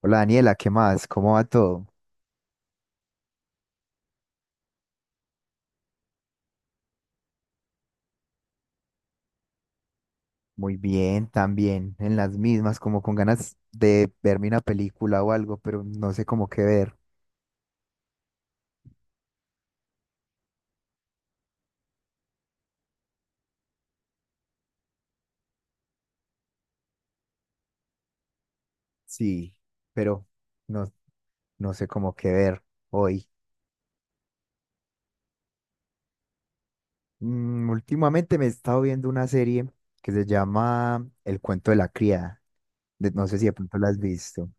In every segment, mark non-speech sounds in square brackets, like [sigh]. Hola Daniela, ¿qué más? ¿Cómo va todo? Muy bien, también, en las mismas, como con ganas de verme una película o algo, pero no sé cómo qué ver. Sí, pero no, no sé cómo qué ver hoy. Últimamente me he estado viendo una serie que se llama El cuento de la criada. No sé si de pronto la has visto.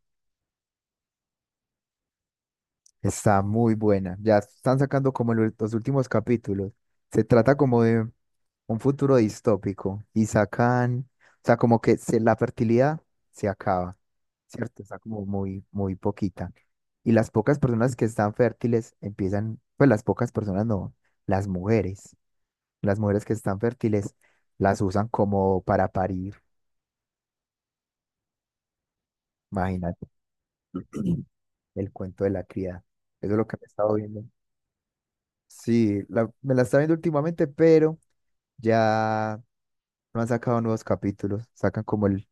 Está muy buena. Ya están sacando como los últimos capítulos. Se trata como de un futuro distópico. Y sacan, o sea, como que la fertilidad se acaba, ¿cierto? Está como muy, muy poquita. Y las pocas personas que están fértiles empiezan, pues las pocas personas no, las mujeres. Las mujeres que están fértiles las usan como para parir. Imagínate. [clears throat] El cuento de la criada. Eso es lo que me he estado viendo. Sí, me la estaba viendo últimamente, pero ya no han sacado nuevos capítulos. Sacan como el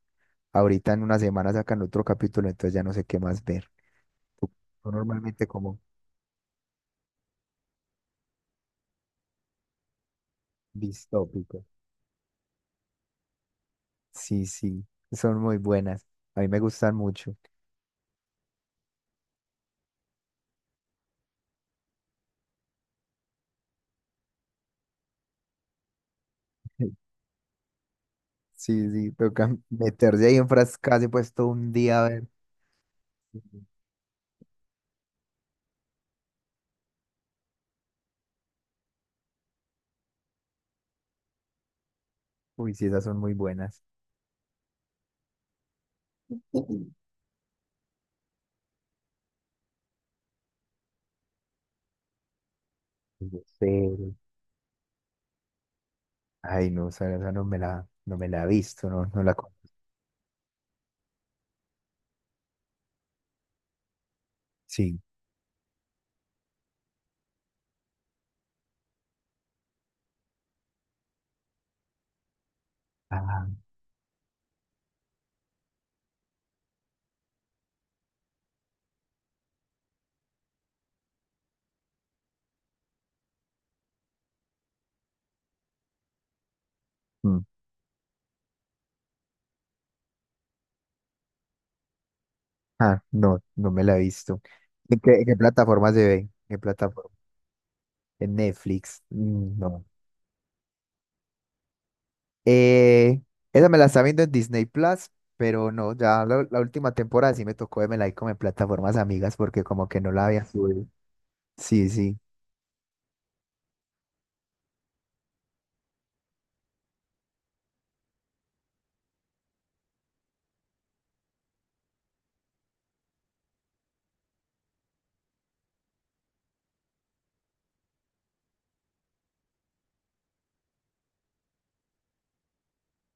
ahorita en una semana sacan otro capítulo, entonces ya no sé qué más ver. Son normalmente como distópicos. Sí, sí, son muy buenas. A mí me gustan mucho. [laughs] Sí, sí, toca [laughs] meterse ahí en frascas y pues todo un día a ver. Uy, sí, esas son muy buenas. [laughs] Ujú. Yo sé. Ay, no, esa no me la, no me la he visto, no, no. Sí. Ah, mm. Ah, no, no me la he visto. En qué plataforma se ve? ¿En qué plataforma? En Netflix. Mm, no. Eh, esa me la está viendo en Disney Plus, pero no, ya la última temporada sí me tocó vermela ahí como en plataformas amigas porque como que no la había subido. Sí, sí,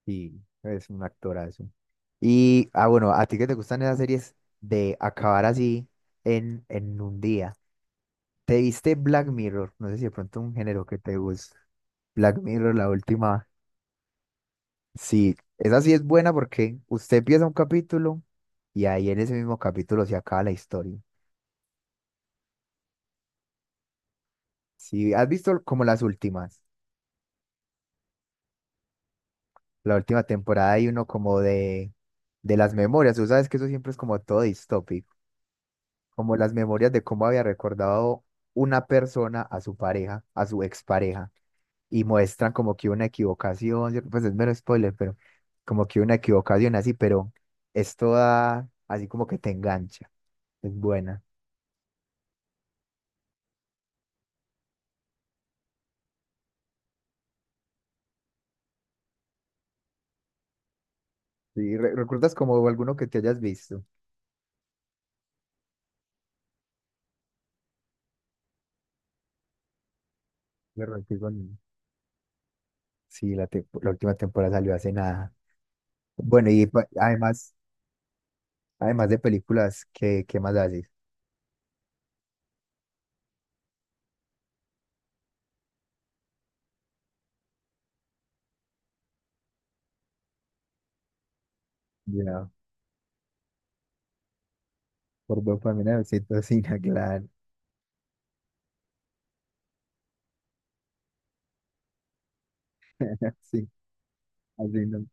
sí, es un actorazo. Y, ah, bueno, a ti que te gustan esas series de acabar así en un día. ¿Te viste Black Mirror? No sé si de pronto un género que te gusta. Black Mirror, la última. Sí, esa sí es buena porque usted empieza un capítulo y ahí en ese mismo capítulo se acaba la historia. Sí, has visto como las últimas, la última temporada hay uno como de las memorias, tú sabes que eso siempre es como todo distópico, como las memorias de cómo había recordado una persona a su pareja, a su expareja, y muestran como que una equivocación, ¿cierto? Pues es mero spoiler, pero como que una equivocación así, pero es toda así como que te engancha, es buena. Sí, ¿recuerdas como alguno que te hayas visto? De Rocky Balboa. Sí, la, la última temporada salió hace nada. Bueno, y además... Además de películas, ¿qué, qué más haces? Ya, por dopamina, oxitocina, claro. [laughs] Sí, así no.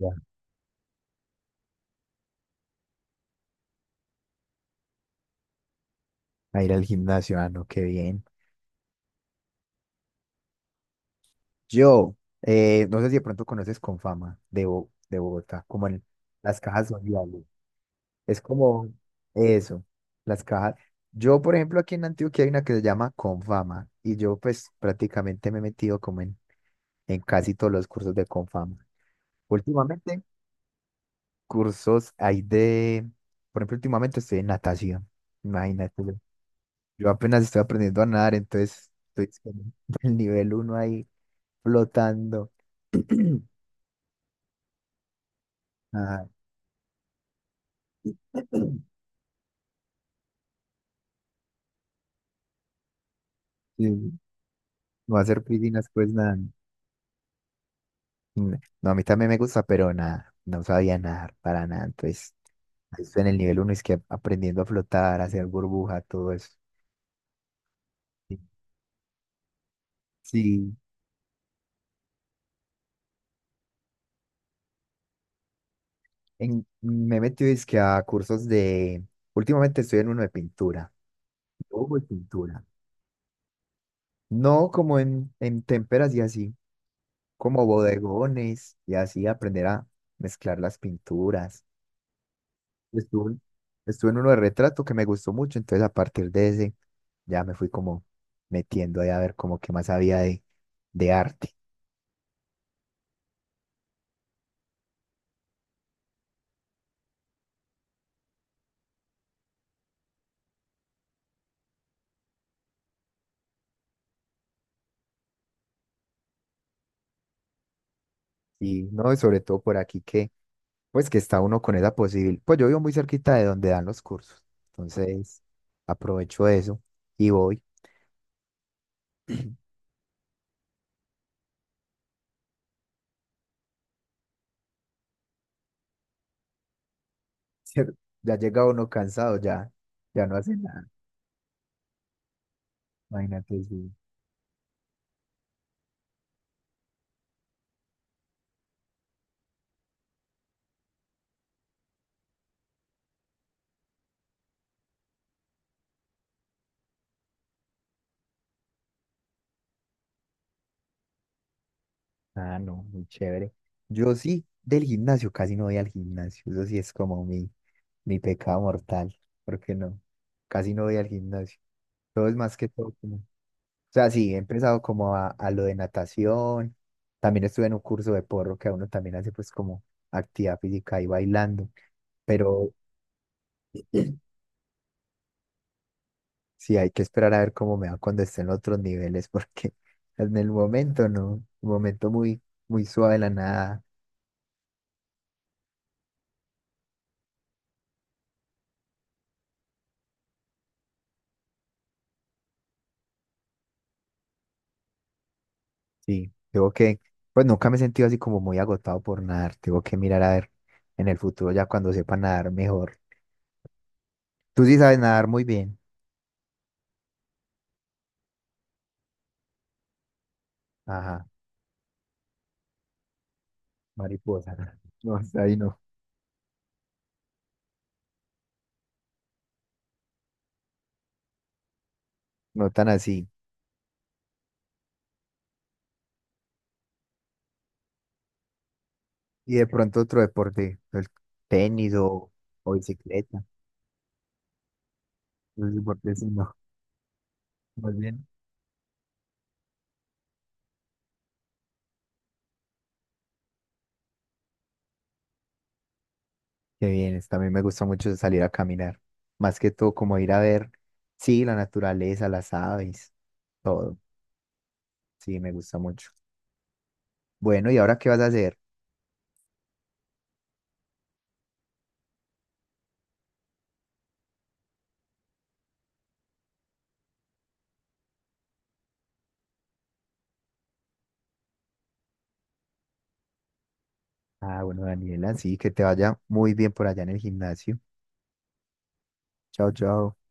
Ya. A ir al gimnasio, ah, no, qué bien. Yo, no sé si de pronto conoces Confama de, de Bogotá, como en las cajas sociales. Es como eso, las cajas. Yo, por ejemplo, aquí en Antioquia hay una que se llama Confama y yo pues prácticamente me he metido como en casi todos los cursos de Confama. Últimamente cursos hay de, por ejemplo, últimamente estoy en natación, imagínate. Yo apenas estoy aprendiendo a nadar, entonces estoy es que en el [laughs] nivel uno ahí flotando. [clears throat] Ajá, sí, no hacer piscinas, pues nada. N- No, a mí también me gusta, pero nada, no sabía nadar para nada. Entonces, ahí estoy en el nivel uno es que aprendiendo a flotar, a hacer burbuja, todo eso. Sí, sí, en, me he metido es que a cursos de, últimamente estoy en uno de pintura, dibujo y pintura. No como en témperas y así, como bodegones y así aprender a mezclar las pinturas. Estuve, estuve en uno de retrato que me gustó mucho, entonces a partir de ese ya me fui como metiendo ahí a ver como qué más había de arte. Y no, y sobre todo por aquí que, pues que está uno con esa posibilidad. Pues yo vivo muy cerquita de donde dan los cursos, entonces aprovecho eso y voy. [laughs] Ya llega uno cansado, ya, ya no hace nada. Imagínate. Sí. Ah, no, muy chévere. Yo sí, del gimnasio, casi no voy al gimnasio. Eso sí es como mi pecado mortal. ¿Por qué no? Casi no voy al gimnasio. Todo es más que todo. O sea, sí, he empezado como a lo de natación. También estuve en un curso de porro que a uno también hace pues como actividad física y bailando. Pero sí, hay que esperar a ver cómo me va cuando esté en otros niveles, [laughs] porque en el momento no. Un momento muy, muy suave la nada. Sí, tengo que, pues nunca me he sentido así como muy agotado por nadar. Tengo que mirar a ver en el futuro ya cuando sepa nadar mejor. Tú sí sabes nadar muy bien. Ajá, mariposa. [laughs] No, hasta ahí no, no tan así. Y de pronto otro deporte, el tenis o bicicleta. Los deportes sí, no, más bien. Qué bien, también me gusta mucho salir a caminar. Más que todo, como ir a ver, sí, la naturaleza, las aves, todo. Sí, me gusta mucho. Bueno, ¿y ahora qué vas a hacer? Ah, bueno, Daniela, sí, que te vaya muy bien por allá en el gimnasio. Chao, chao.